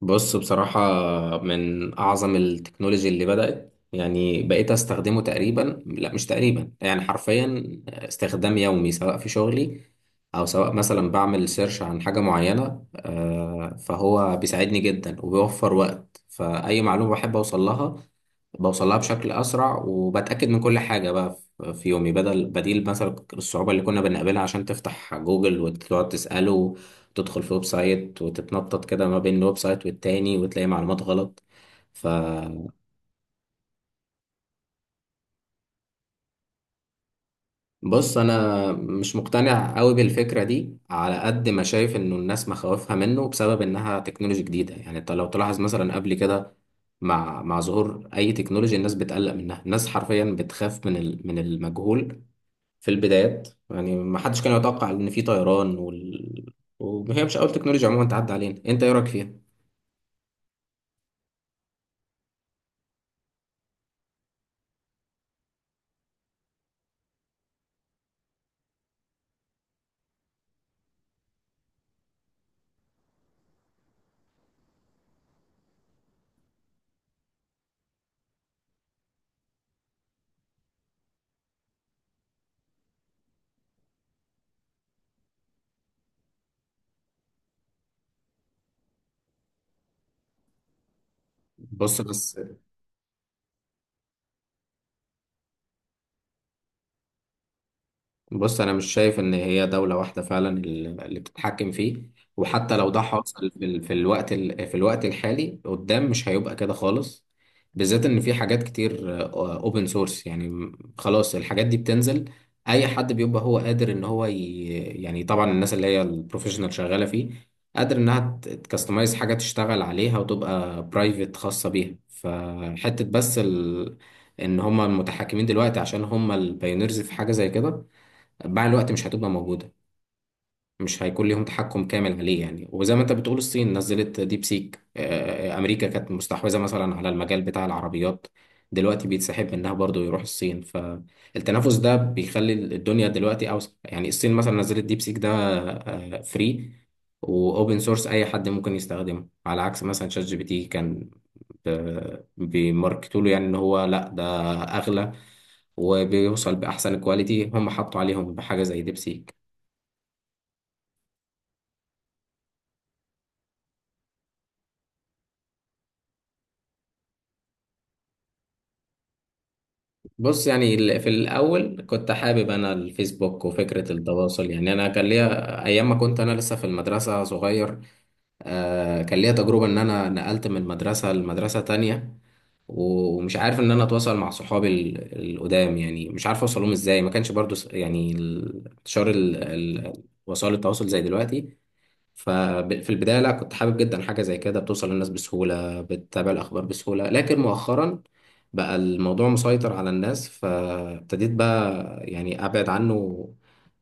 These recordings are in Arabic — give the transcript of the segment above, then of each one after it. بص، بصراحة من أعظم التكنولوجي اللي بدأت. يعني بقيت أستخدمه تقريبا، لا مش تقريبا، يعني حرفيا استخدام يومي، سواء في شغلي أو سواء مثلا بعمل سيرش عن حاجة معينة. فهو بيساعدني جدا وبيوفر وقت، فأي معلومة بحب أوصل لها بوصل لها بشكل أسرع، وبتأكد من كل حاجة بقى في يومي، بديل مثلا الصعوبة اللي كنا بنقابلها عشان تفتح جوجل وتقعد تسأله، تدخل في ويب سايت وتتنطط كده ما بين الويب سايت والتاني وتلاقي معلومات غلط. فبص، انا مش مقتنع قوي بالفكرة دي، على قد ما شايف انه الناس مخاوفها منه بسبب انها تكنولوجي جديدة. يعني انت لو تلاحظ مثلا قبل كده، مع ظهور اي تكنولوجيا الناس بتقلق منها. الناس حرفيا بتخاف من المجهول في البدايات. يعني ما حدش كان يتوقع ان في طيران وهي مش اول تكنولوجيا عموما تعدي علينا. انت ايه رايك فيها؟ بص بس بص، انا مش شايف ان هي دوله واحده فعلا اللي بتتحكم فيه، وحتى لو ده حاصل في ال- في الوقت ال- في الوقت الحالي، قدام مش هيبقى كده خالص. بالذات ان في حاجات كتير اوبن سورس. يعني خلاص الحاجات دي بتنزل، اي حد بيبقى هو قادر ان هو يعني طبعا الناس اللي هي البروفيشنال شغاله فيه قادر انها تكستمايز حاجه تشتغل عليها وتبقى برايفت خاصه بيها. فحته بس ان هم المتحكمين دلوقتي عشان هم البايونيرز في حاجه زي كده، مع الوقت مش هتبقى موجودة. مش هيكون ليهم تحكم كامل عليه. يعني وزي ما انت بتقول الصين نزلت ديب سيك. امريكا كانت مستحوذة مثلا على المجال بتاع العربيات، دلوقتي بيتسحب منها برضو يروح الصين. فالتنافس ده بيخلي الدنيا دلوقتي اوسع. يعني الصين مثلا نزلت ديب سيك، ده فري واوبن سورس، اي حد ممكن يستخدمه، على عكس مثلا شات جي بي تي كان بيماركتوا له يعني ان هو لا، ده اغلى وبيوصل باحسن كواليتي. هم حطوا عليهم بحاجة زي ديب سيك. بص، يعني في الأول كنت حابب أنا الفيسبوك وفكرة التواصل. يعني أنا كان ليا أيام ما كنت أنا لسه في المدرسة صغير. كان ليا تجربة إن أنا نقلت من مدرسة لمدرسة تانية، ومش عارف إن أنا أتواصل مع صحابي القدام. يعني مش عارف أوصلهم إزاي، ما كانش برضو انتشار وسائل التواصل زي دلوقتي. ففي البداية لا، كنت حابب جدا حاجة زي كده، بتوصل للناس بسهولة، بتتابع الأخبار بسهولة، لكن مؤخرا بقى الموضوع مسيطر على الناس، فابتديت بقى يعني أبعد عنه.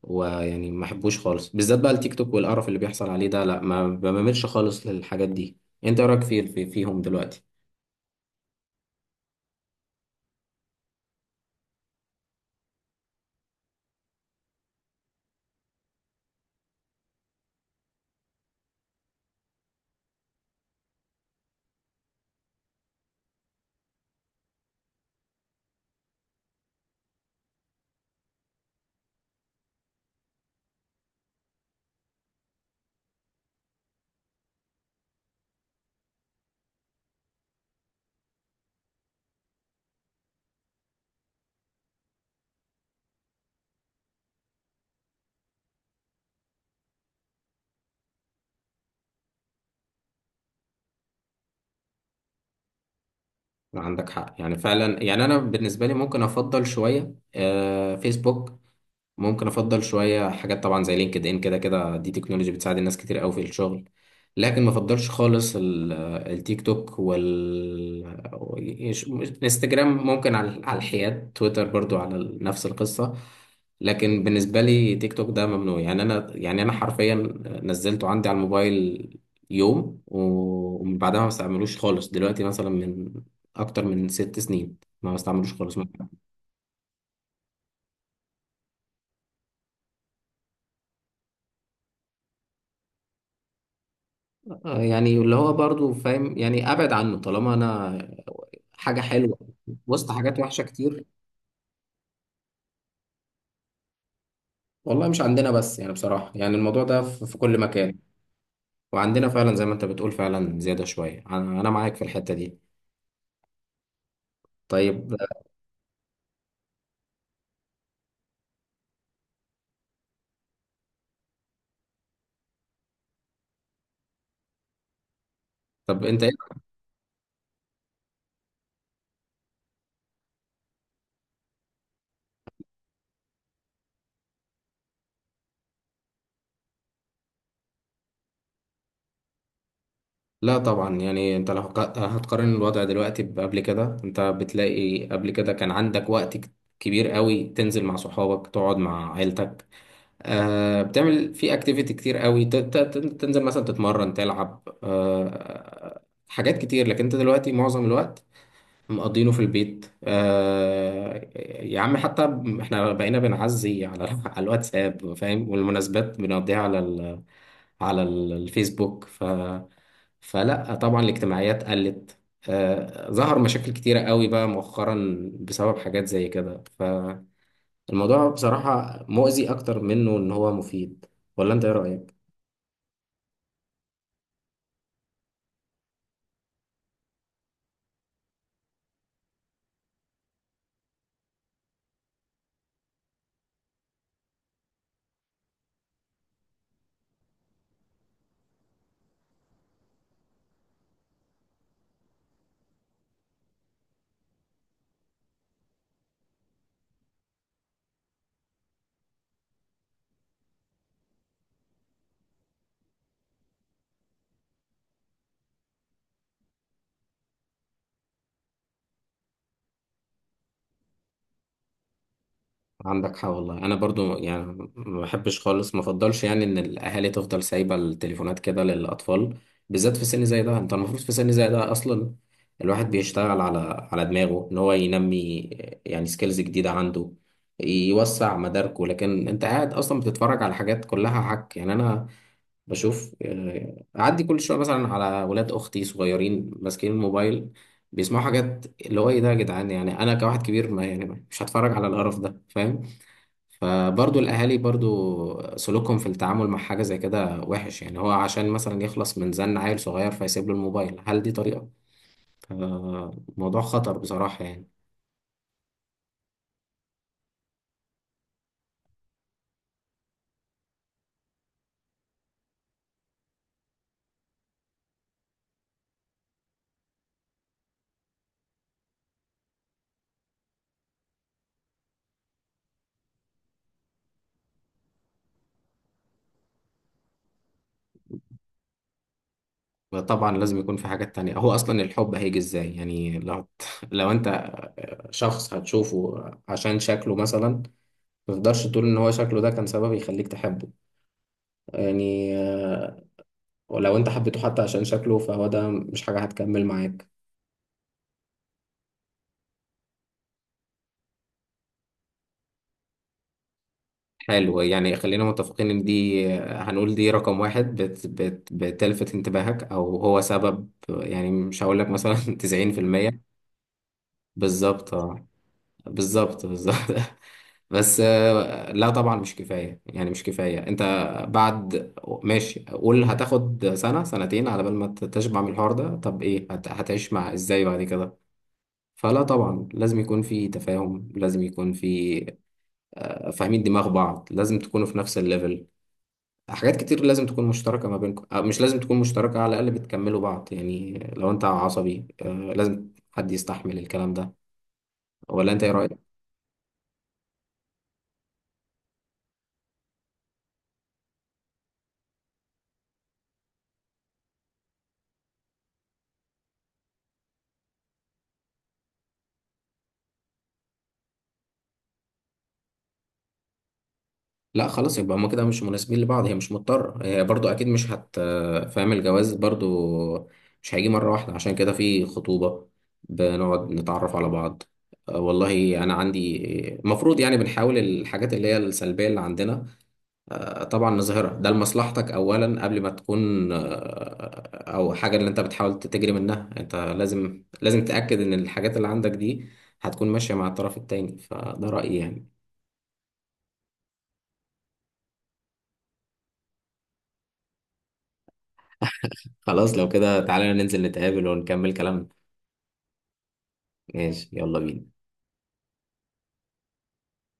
ويعني ما أحبوش خالص، بالذات بقى التيك توك والقرف اللي بيحصل عليه ده. لا، ما بميلش خالص للحاجات دي. أنت إيه رأيك فيهم دلوقتي؟ عندك حق، يعني فعلا. يعني أنا بالنسبة لي ممكن أفضل شوية فيسبوك. ممكن افضل شويه حاجات طبعا زي لينكد ان، كده كده دي تكنولوجي بتساعد الناس كتير قوي في الشغل. لكن ما افضلش خالص التيك توك وال إيش- انستجرام. ممكن على الحياد تويتر برضو نفس القصه. لكن بالنسبه لي تيك توك ده ممنوع. يعني انا حرفيا نزلته عندي على الموبايل يوم، ومن بعدها ما بستعملوش خالص. دلوقتي مثلا من اكتر من ست سنين ما بستعملوش خالص. يعني اللي هو برضو فاهم، يعني ابعد عنه طالما انا حاجه حلوه وسط حاجات وحشه كتير. والله مش عندنا بس، يعني بصراحه يعني الموضوع ده في كل مكان. وعندنا فعلا زي ما انت بتقول، فعلا زياده شويه. أنا معاك في الحته دي. طيب. طب انت ايه. لا طبعا. يعني انت لو هتقارن الوضع دلوقتي بقبل كده، انت بتلاقي قبل كده كان عندك وقت كبير قوي، تنزل مع صحابك، تقعد مع عيلتك. بتعمل في اكتيفيتي كتير قوي، تنزل مثلا تتمرن تلعب. حاجات كتير. لكن انت دلوقتي معظم الوقت مقضينه في البيت. يا عم، حتى احنا بقينا بنعزي على على الواتساب، فاهم، والمناسبات بنقضيها على الفيسبوك. فلا طبعا، الاجتماعيات قلت. ظهر مشاكل كتيرة قوي بقى مؤخرا بسبب حاجات زي كده. الموضوع بصراحة مؤذي أكتر منه إن هو مفيد. ولا أنت إيه رأيك؟ عندك حق والله. أنا برضو يعني ما بحبش خالص، ما أفضلش يعني إن الأهالي تفضل سايبة التليفونات كده للأطفال، بالذات في سن زي ده. أنت المفروض في سن زي ده أصلا الواحد بيشتغل على دماغه إن هو ينمي يعني سكيلز جديدة عنده، يوسع مداركه. لكن أنت قاعد أصلا بتتفرج على حاجات كلها حك. يعني أنا بشوف، اعدي كل شويه مثلا على ولاد اختي صغيرين ماسكين الموبايل، بيسمعوا حاجات اللي هو ايه ده يا جدعان. يعني انا كواحد كبير، ما يعني مش هتفرج على القرف ده، فاهم. فبرضو الاهالي برضو سلوكهم في التعامل مع حاجه زي كده وحش. يعني هو عشان مثلا يخلص من زن عيل صغير فيسيب له الموبايل، هل دي طريقه؟ فموضوع خطر بصراحه يعني. طبعا لازم يكون في حاجات تانية. هو أصلا الحب هيجي إزاي؟ يعني لو لو أنت شخص هتشوفه عشان شكله مثلا، ما تقدرش تقول ان هو شكله ده كان سبب يخليك تحبه. يعني ولو انت حبيته حتى عشان شكله، فهو ده مش حاجة هتكمل معاك. حلو، يعني خلينا متفقين ان دي، هنقول دي رقم واحد بت بت بتلفت انتباهك، او هو سبب. يعني مش هقول لك مثلا 90%. بالظبط اه. بالظبط بالظبط بس لا طبعا مش كفاية. يعني مش كفاية، انت بعد ماشي قول هتاخد سنة سنتين على بال ما تشبع من الحوار ده، طب ايه هتعيش مع ازاي بعد كده؟ فلا طبعا لازم يكون في تفاهم، لازم يكون في فاهمين دماغ بعض، لازم تكونوا في نفس الليفل. حاجات كتير لازم تكون مشتركة ما بينكم. مش لازم تكون مشتركة، على الأقل بتكملوا بعض. يعني لو أنت عصبي، لازم حد يستحمل الكلام ده. ولا أنت إيه رأيك؟ لا خلاص، يبقى هما كده مش مناسبين لبعض. هي مش مضطرة، هي برضو أكيد مش فاهم. الجواز برضو مش هيجي مرة واحدة، عشان كده في خطوبة، بنقعد نتعرف على بعض. والله أنا عندي المفروض يعني بنحاول الحاجات اللي هي السلبية اللي عندنا، طبعا نظهرها. ده لمصلحتك أولا قبل ما تكون أو حاجة اللي أنت بتحاول تجري منها. أنت لازم، لازم تأكد إن الحاجات اللي عندك دي هتكون ماشية مع الطرف التاني. فده رأيي يعني. خلاص لو كده، تعالى ننزل نتقابل ونكمل كلامنا. ماشي، يلا بينا.